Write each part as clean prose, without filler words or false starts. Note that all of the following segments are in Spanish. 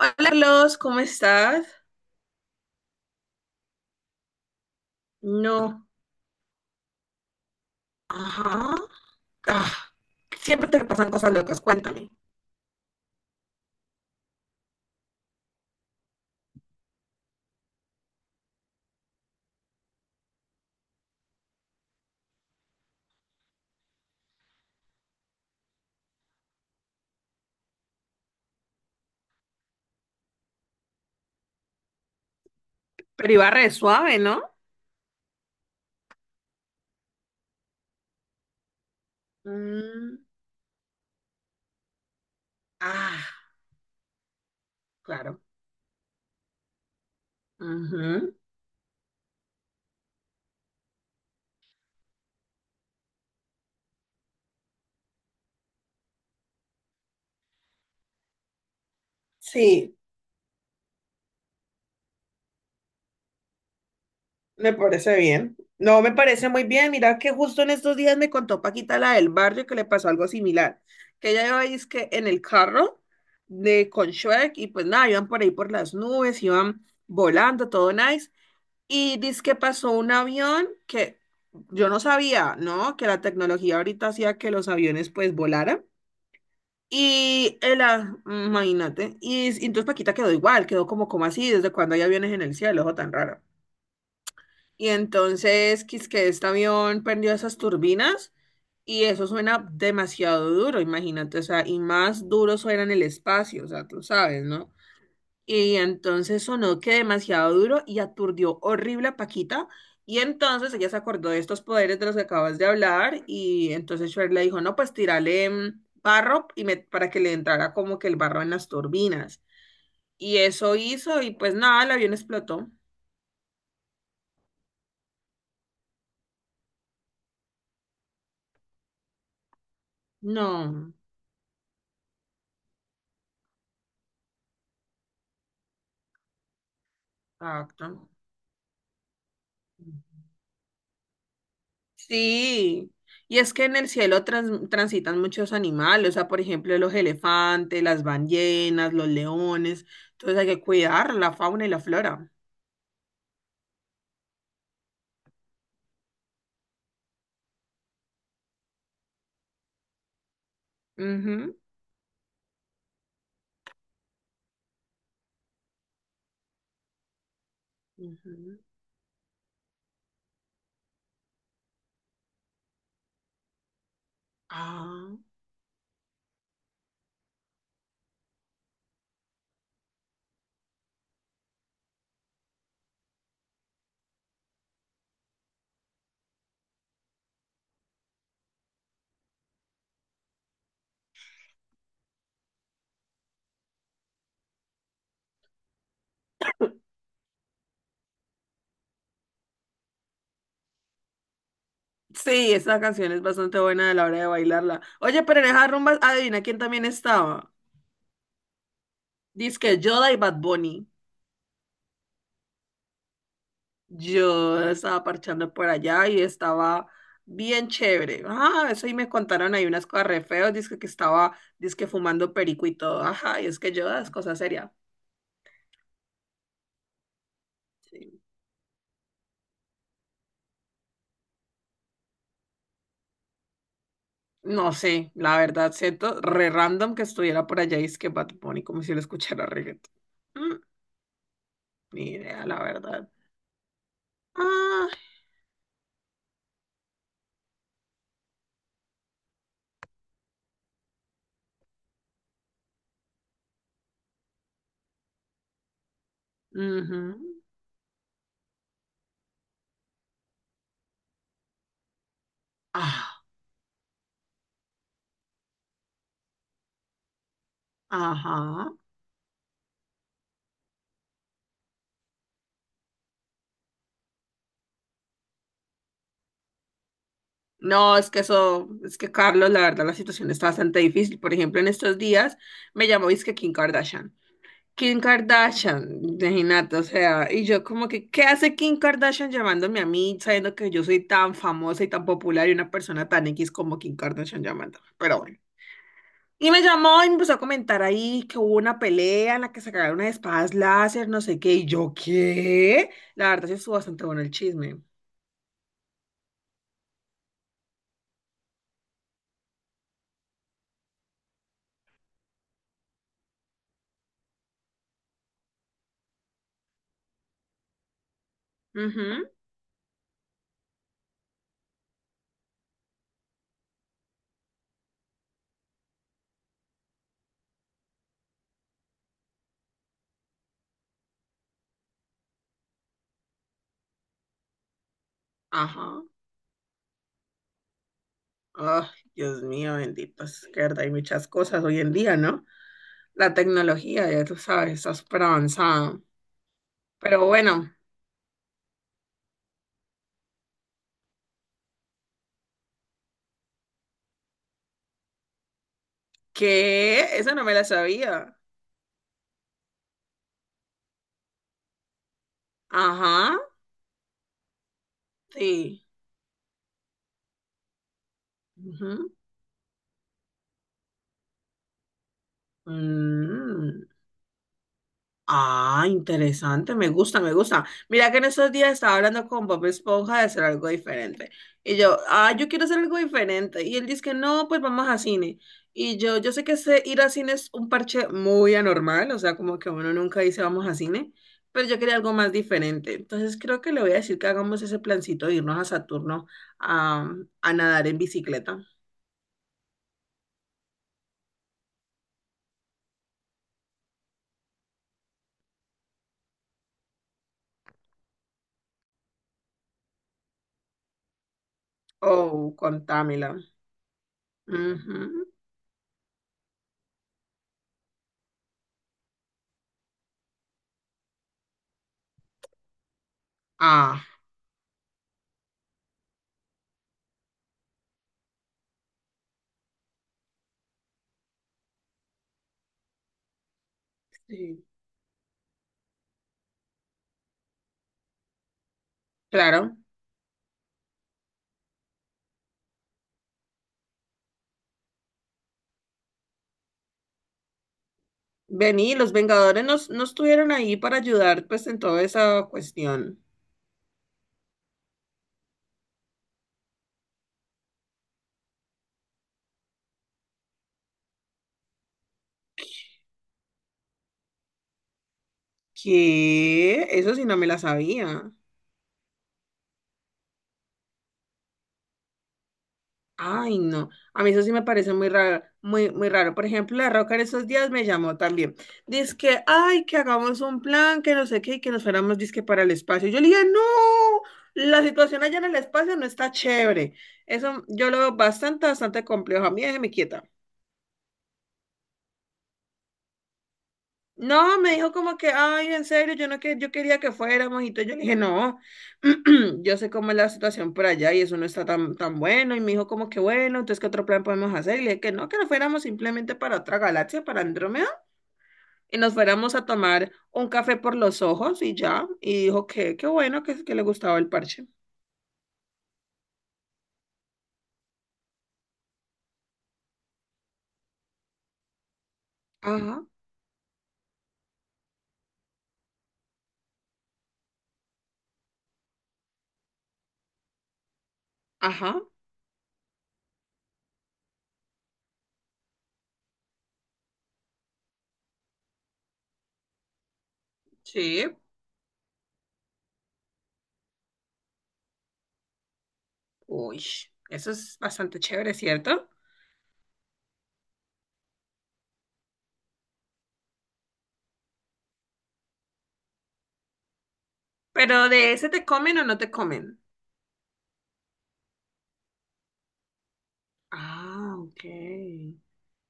Hola Carlos, ¿cómo estás? No. Ajá. Ah, siempre te pasan cosas locas, cuéntame. Pero iba re suave, ¿no? Mm, ah, claro. Ujú. Sí, me parece bien. No, me parece muy bien. Mira que justo en estos días me contó Paquita, la del barrio, que le pasó algo similar. Que ella iba es que en el carro de con Shrek y pues nada, iban por ahí por las nubes, iban volando, todo nice. Y dice que pasó un avión que yo no sabía, ¿no? Que la tecnología ahorita hacía que los aviones pues volaran. Y el, imagínate, y, y entonces Paquita quedó igual, quedó como, ¿como así? ¿Desde cuando hay aviones en el cielo? Ojo, tan raro. Y entonces, quis que este avión perdió esas turbinas y eso suena demasiado duro, imagínate, o sea, y más duro suena en el espacio, o sea, tú sabes, ¿no? Y entonces sonó que demasiado duro y aturdió horrible a Paquita. Y entonces ella se acordó de estos poderes de los que acabas de hablar. Y entonces Shrek le dijo, no, pues tírale barro y para que le entrara como que el barro en las turbinas. Y eso hizo y pues nada, el avión explotó. No, exacto. Sí, y es que en el cielo transitan muchos animales, o sea, por ejemplo, los elefantes, las ballenas, los leones, entonces hay que cuidar la fauna y la flora. Ujú. Ujú. Ah. Sí, esta canción es bastante buena a la hora de bailarla. Oye, pero en esas rumbas, adivina quién también estaba. Dice Yoda y Bad Bunny. Yo estaba parchando por allá y estaba bien chévere. Ah, eso y me contaron ahí unas cosas re feas. Dice que estaba, dice fumando perico y todo. Ajá, y es que Yoda es cosa seria. Sí. No sé, la verdad, siento re random que estuviera por allá y es que Bad Bunny, como si lo escuchara reggaetón. Mm, ni idea, la verdad. Ah, ujú. Ah, ajá. No, es que eso, es que Carlos, la verdad, la situación está bastante difícil. Por ejemplo, en estos días me llamó, es que Kim Kardashian. Kim Kardashian, imagínate, o sea, y yo como que, ¿qué hace Kim Kardashian llamándome a mí, sabiendo que yo soy tan famosa y tan popular y una persona tan X como Kim Kardashian llamándome? Pero bueno. Y me llamó y me empezó a comentar ahí que hubo una pelea en la que se cagaron unas espadas láser, no sé qué, y yo, ¿qué? La verdad, sí estuvo bastante bueno el chisme. Ujú, ajá. Oh, Dios mío, bendito, es que verdad hay muchas cosas hoy en día, ¿no? La tecnología, ya tú sabes, está súper avanzada. Pero bueno, que esa no me la sabía. Ajá, sí. Ujú. Mm. Ah, interesante, me gusta, me gusta. Mira que en estos días estaba hablando con Bob Esponja de hacer algo diferente. Y yo, ah, yo quiero hacer algo diferente. Y él dice que no, pues vamos a cine. Y yo sé que ese ir a cine es un parche muy anormal, o sea, como que uno nunca dice vamos a cine, pero yo quería algo más diferente. Entonces creo que le voy a decir que hagamos ese plancito de irnos a Saturno a, a nadar en bicicleta. Oh, contámela. Ujú. Ah, sí, claro. Vení, los Vengadores nos, no estuvieron ahí para ayudar pues en toda esa cuestión. ¿Qué? Eso sí no me la sabía. Ay, no. A mí eso sí me parece muy raro, muy, muy raro. Por ejemplo, la Roca en esos días me llamó también. Dice que, ay, que hagamos un plan, que no sé qué, y que nos fuéramos, dizque para el espacio. Yo le dije, no, la situación allá en el espacio no está chévere. Eso yo lo veo bastante, bastante complejo. A mí déjeme quieta. No, me dijo como que, ay, en serio, yo no que yo quería que fuéramos y todo. Yo le dije, no, yo sé cómo es la situación por allá y eso no está tan, tan bueno. Y me dijo como que, bueno, entonces, ¿qué otro plan podemos hacer? Y le dije que no, que nos fuéramos simplemente para otra galaxia, para Andrómeda, y nos fuéramos a tomar un café por los ojos y ya. Y dijo que, qué bueno, que le gustaba el parche. Ajá, ajá, sí. Uy, eso es bastante chévere, ¿cierto? Pero de ese te comen o no te comen. Ah, ok.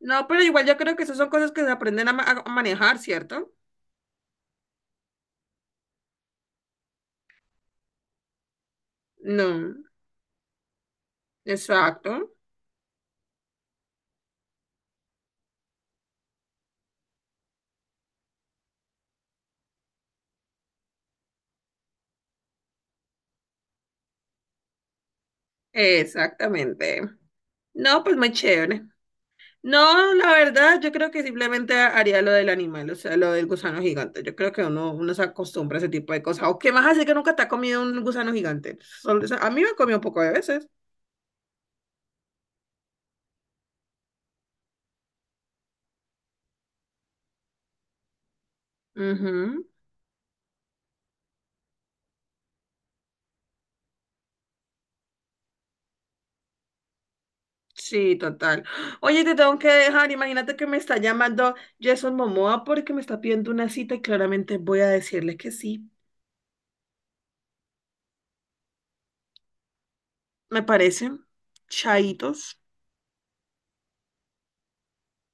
No, pero igual yo creo que esas son cosas que se aprenden a, a manejar, ¿cierto? No, exacto, exactamente. No, pues muy chévere. No, la verdad, yo creo que simplemente haría lo del animal, o sea, lo del gusano gigante. Yo creo que uno, uno se acostumbra a ese tipo de cosas. ¿O qué más hace que nunca te ha comido un gusano gigante? O sea, a mí me ha comido un poco de veces. Ujú, sí, total. Oye, te tengo que dejar. Imagínate que me está llamando Jason Momoa porque me está pidiendo una cita y claramente voy a decirle que sí. Me parecen. Chaitos.